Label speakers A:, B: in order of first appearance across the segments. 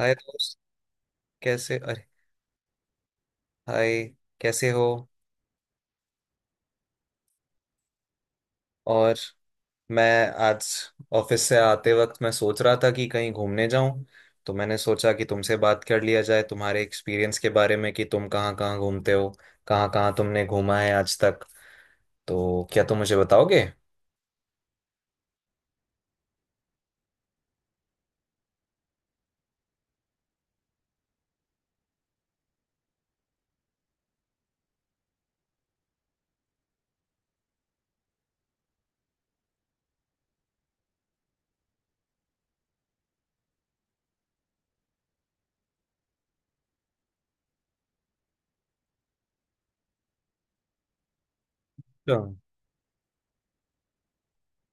A: हाय दोस्त। कैसे अरे हाय कैसे हो? और मैं आज ऑफिस से आते वक्त मैं सोच रहा था कि कहीं घूमने जाऊं। तो मैंने सोचा कि तुमसे बात कर लिया जाए तुम्हारे एक्सपीरियंस के बारे में कि तुम कहाँ कहाँ घूमते हो, कहाँ कहाँ तुमने घूमा है आज तक। तो क्या तुम मुझे बताओगे? अच्छा।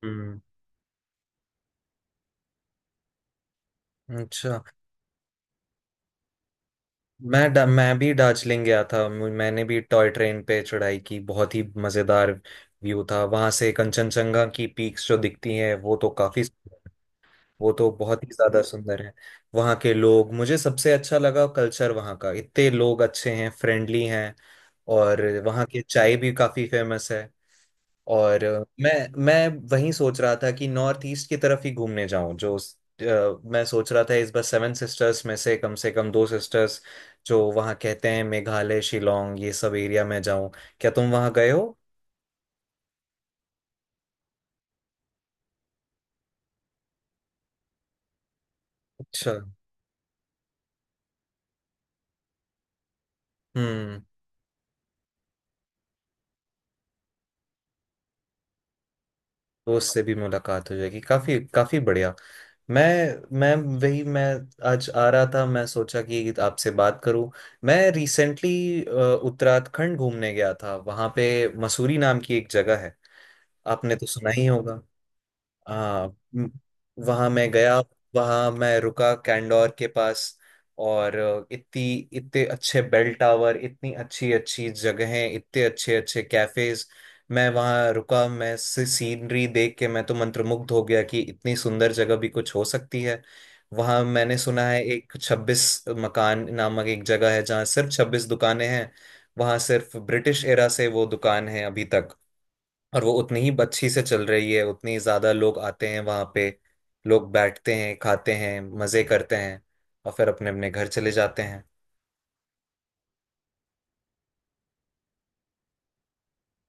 A: हम्म। अच्छा, मैं भी दार्जिलिंग गया था। मैंने भी टॉय ट्रेन पे चढ़ाई की। बहुत ही मज़ेदार व्यू था वहां से। कंचनजंगा की पीक्स जो दिखती हैं वो तो काफी, वो तो बहुत ही ज्यादा सुंदर है। वहाँ के लोग मुझे सबसे अच्छा लगा, कल्चर वहाँ का। इतने लोग अच्छे हैं, फ्रेंडली हैं। और वहाँ की चाय भी काफी फेमस है। और मैं मैं वहीं सोच रहा था कि नॉर्थ ईस्ट की तरफ ही घूमने जाऊं। मैं सोच रहा था इस बार सेवन सिस्टर्स में से कम दो सिस्टर्स, जो वहाँ कहते हैं, मेघालय शिलोंग, ये सब एरिया में जाऊं। क्या तुम वहाँ गए हो? अच्छा। हम्म। तो उससे भी मुलाकात हो जाएगी, काफी काफी बढ़िया। मैं मैं मैं आज आ रहा था, मैं सोचा कि आपसे बात करूं। मैं रिसेंटली उत्तराखंड घूमने गया था। वहां पे मसूरी नाम की एक जगह है, आपने तो सुना ही होगा। हाँ। वहाँ मैं गया, वहाँ मैं रुका कैंडोर के पास। और अ, इतनी इतने अच्छे बेल टावर, इतनी अच्छी अच्छी जगहें, इतने अच्छे अच्छे कैफेज। मैं वहाँ रुका, मैं सीनरी देख के मैं तो मंत्रमुग्ध हो गया कि इतनी सुंदर जगह भी कुछ हो सकती है। वहाँ मैंने सुना है एक छब्बीस मकान नामक एक जगह है, जहाँ सिर्फ 26 दुकानें हैं। वहाँ सिर्फ ब्रिटिश एरा से वो दुकान है अभी तक। और वो उतनी ही अच्छी से चल रही है, उतनी ही ज्यादा लोग आते हैं वहां पे। लोग बैठते हैं, खाते हैं, मजे करते हैं, और फिर अपने अपने घर चले जाते हैं।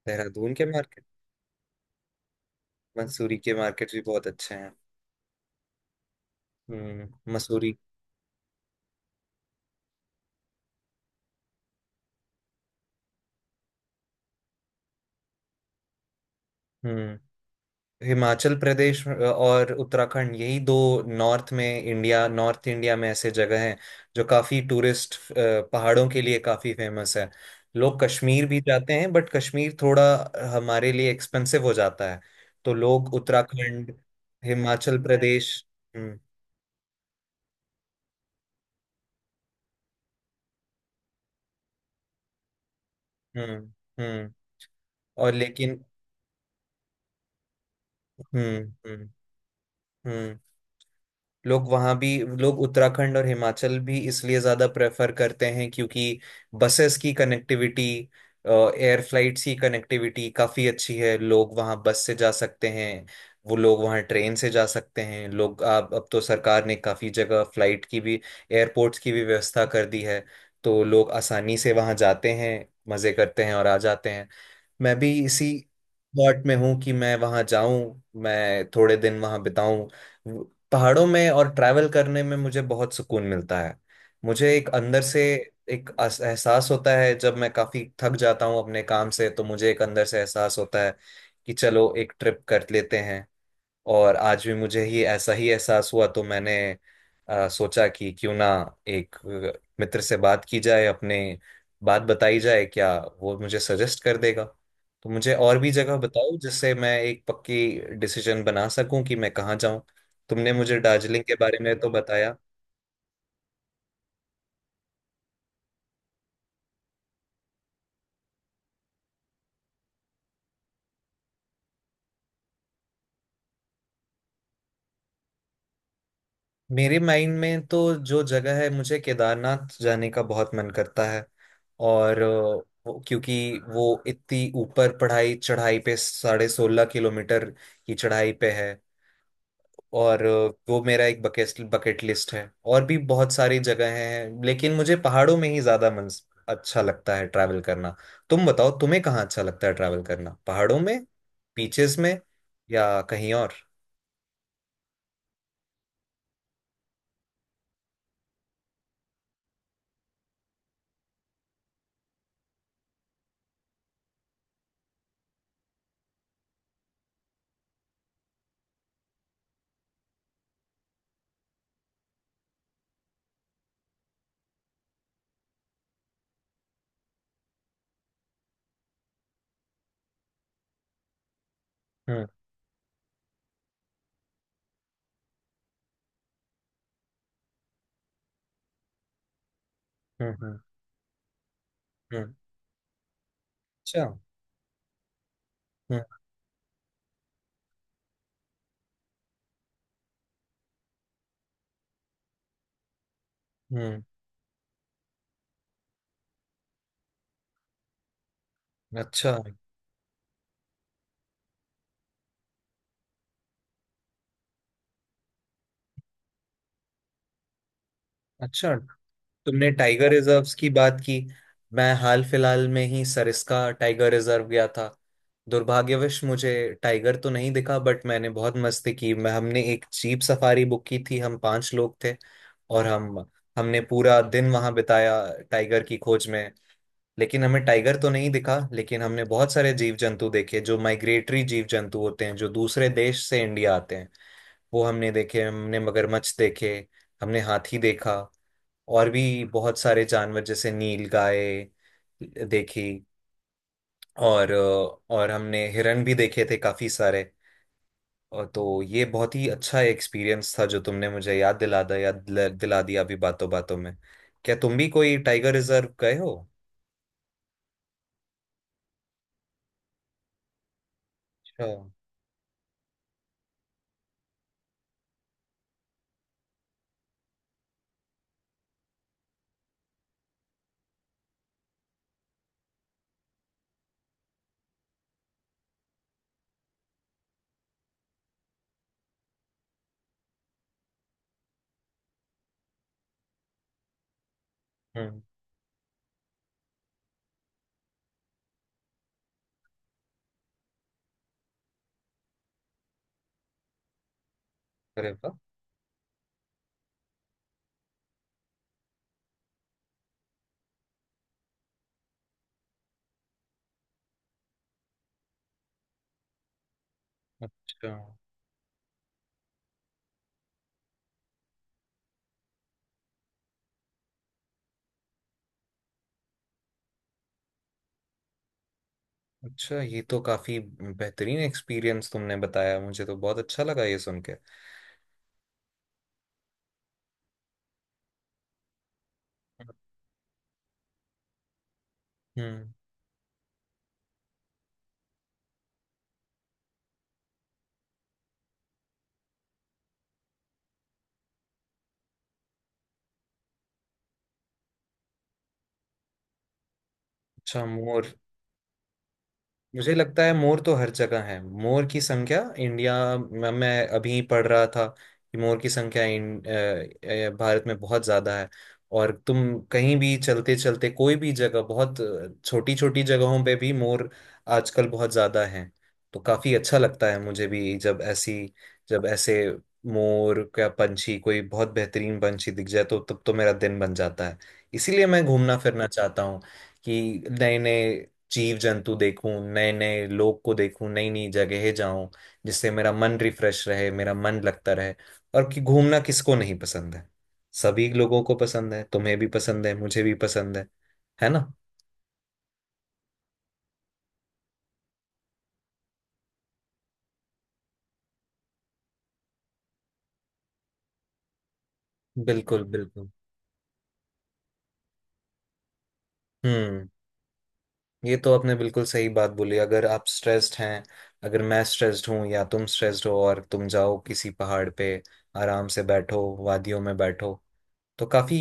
A: देहरादून के मार्केट, मंसूरी के मार्केट भी बहुत अच्छे हैं। हम्म, मसूरी। हम्म। हिमाचल प्रदेश और उत्तराखंड, यही दो नॉर्थ में, इंडिया नॉर्थ इंडिया में ऐसे जगह हैं जो काफी टूरिस्ट, पहाड़ों के लिए काफी फेमस है। लोग कश्मीर भी जाते हैं, बट कश्मीर थोड़ा हमारे लिए एक्सपेंसिव हो जाता है। तो लोग उत्तराखंड हिमाचल प्रदेश। हम्म। हम्म। हम्म। और लेकिन। हम्म। हम्म। हम्म। लोग वहाँ भी, लोग उत्तराखंड और हिमाचल भी इसलिए ज़्यादा प्रेफर करते हैं क्योंकि बसेस की कनेक्टिविटी, एयर फ्लाइट्स की कनेक्टिविटी काफ़ी अच्छी है। लोग वहाँ बस से जा सकते हैं, वो लोग वहाँ ट्रेन से जा सकते हैं। लोग अब तो सरकार ने काफ़ी जगह फ्लाइट की भी, एयरपोर्ट्स की भी व्यवस्था कर दी है। तो लोग आसानी से वहाँ जाते हैं, मज़े करते हैं और आ जाते हैं। मैं भी इसी थॉट में हूँ कि मैं वहाँ जाऊं, मैं थोड़े दिन वहाँ बिताऊं। वो- पहाड़ों में और ट्रैवल करने में मुझे बहुत सुकून मिलता है। मुझे एक अंदर से एक एहसास होता है। जब मैं काफी थक जाता हूँ अपने काम से तो मुझे एक अंदर से एहसास होता है कि चलो एक ट्रिप कर लेते हैं। और आज भी मुझे ही ऐसा ही एहसास हुआ तो मैंने सोचा कि क्यों ना एक मित्र से बात की जाए अपने, बात बताई जाए, क्या वो मुझे सजेस्ट कर देगा। तो मुझे और भी जगह बताओ, जिससे मैं एक पक्की डिसीजन बना सकूं कि मैं कहाँ जाऊं। तुमने मुझे दार्जिलिंग के बारे में तो बताया। मेरे माइंड में तो जो जगह है, मुझे केदारनाथ जाने का बहुत मन करता है। और क्योंकि वो इतनी ऊपर पढ़ाई चढ़ाई पे, 16.5 किलोमीटर की चढ़ाई पे है। और वो मेरा एक बकेट बकेट लिस्ट है। और भी बहुत सारी जगह हैं लेकिन मुझे पहाड़ों में ही ज्यादा मन अच्छा लगता है ट्रैवल करना। तुम बताओ, तुम्हें कहाँ अच्छा लगता है ट्रैवल करना, पहाड़ों में, बीचेस में, या कहीं और? हम्म। हम्म। हम्म। हम्म। अच्छा। हम्म। हम्म। अच्छा। अच्छा, तुमने टाइगर रिजर्व्स की बात की। मैं हाल फिलहाल में ही सरिस्का टाइगर रिजर्व गया था। दुर्भाग्यवश मुझे टाइगर तो नहीं दिखा, बट मैंने बहुत मस्ती की। मैं हमने एक जीप सफारी बुक की थी, हम पांच लोग थे। और हम हमने पूरा दिन वहां बिताया टाइगर की खोज में। लेकिन हमें टाइगर तो नहीं दिखा, लेकिन हमने बहुत सारे जीव जंतु देखे जो माइग्रेटरी जीव जंतु होते हैं, जो दूसरे देश से इंडिया आते हैं। वो हमने देखे, हमने मगरमच्छ देखे, हमने हाथी देखा, और भी बहुत सारे जानवर जैसे नीलगाय देखी। और और हमने हिरण भी देखे थे काफी सारे। और तो ये बहुत ही अच्छा एक्सपीरियंस था, जो तुमने मुझे याद दिला दिया, याद दिला दिला दिया अभी बातों बातों में। क्या तुम भी कोई टाइगर रिजर्व गए हो? अच्छा। हम्म। अरे वाह। अच्छा। अच्छा, ये तो काफी बेहतरीन एक्सपीरियंस तुमने बताया, मुझे तो बहुत अच्छा लगा ये सुन के। हम्म। अच्छा, मोर। मुझे लगता है मोर तो हर जगह है। मोर की संख्या इंडिया में, मैं अभी पढ़ रहा था कि मोर की संख्या भारत में बहुत ज्यादा है। और तुम कहीं भी चलते चलते कोई भी जगह, बहुत छोटी छोटी जगहों पे भी मोर आजकल बहुत ज्यादा है। तो काफी अच्छा लगता है मुझे भी जब ऐसी, जब ऐसे मोर का पंछी, कोई बहुत बेहतरीन पंछी दिख जाए तो तब तो मेरा दिन बन जाता है। इसीलिए मैं घूमना फिरना चाहता हूँ, कि नए नए जीव जंतु देखूं, नए नए लोग को देखूं, नई नई जगह जाऊं, जिससे मेरा मन रिफ्रेश रहे, मेरा मन लगता रहे। और कि घूमना किसको नहीं पसंद है? सभी लोगों को पसंद है, तुम्हें भी पसंद है, मुझे भी पसंद है ना? बिल्कुल बिल्कुल। हम्म, ये तो आपने बिल्कुल सही बात बोली। अगर आप स्ट्रेस्ड हैं, अगर मैं स्ट्रेस्ड हूँ या तुम स्ट्रेस्ड हो, और तुम जाओ किसी पहाड़ पे, आराम से बैठो, वादियों में बैठो, तो काफी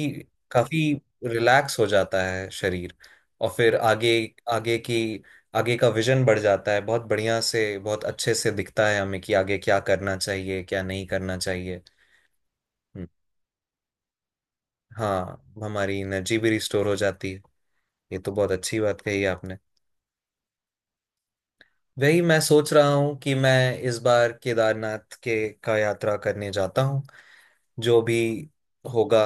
A: काफी रिलैक्स हो जाता है शरीर। और फिर आगे, आगे की आगे का विजन बढ़ जाता है, बहुत बढ़िया से, बहुत अच्छे से दिखता है हमें कि आगे क्या करना चाहिए, क्या नहीं करना चाहिए। हम्म, हाँ, हमारी एनर्जी भी रिस्टोर हो जाती है। ये तो बहुत अच्छी बात कही आपने। वही मैं सोच रहा हूँ कि मैं इस बार केदारनाथ के का यात्रा करने जाता हूँ। जो भी होगा,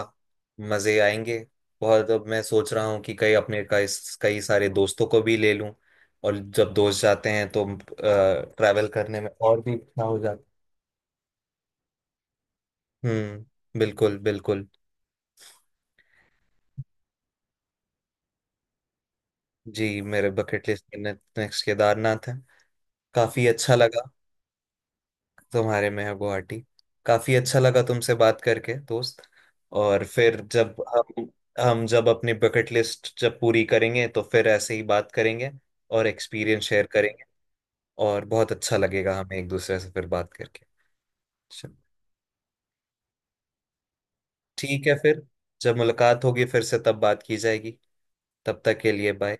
A: मजे आएंगे बहुत। अब मैं सोच रहा हूँ कि कई अपने कई कई सारे दोस्तों को भी ले लूं। और जब दोस्त जाते हैं तो ट्रैवल करने में और भी अच्छा हो जाता है। हम्म, बिल्कुल बिल्कुल। जी, मेरे बकेट लिस्ट में नेक्स्ट केदारनाथ है। काफी अच्छा लगा। तुम्हारे में है गुवाहाटी। काफी अच्छा लगा तुमसे बात करके दोस्त। और फिर जब हम हम जब अपनी बकेट लिस्ट जब पूरी करेंगे, तो फिर ऐसे ही बात करेंगे और एक्सपीरियंस शेयर करेंगे। और बहुत अच्छा लगेगा हमें एक दूसरे से फिर बात करके। चलो, ठीक है फिर। जब मुलाकात होगी फिर से, तब बात की जाएगी। तब तक के लिए बाय।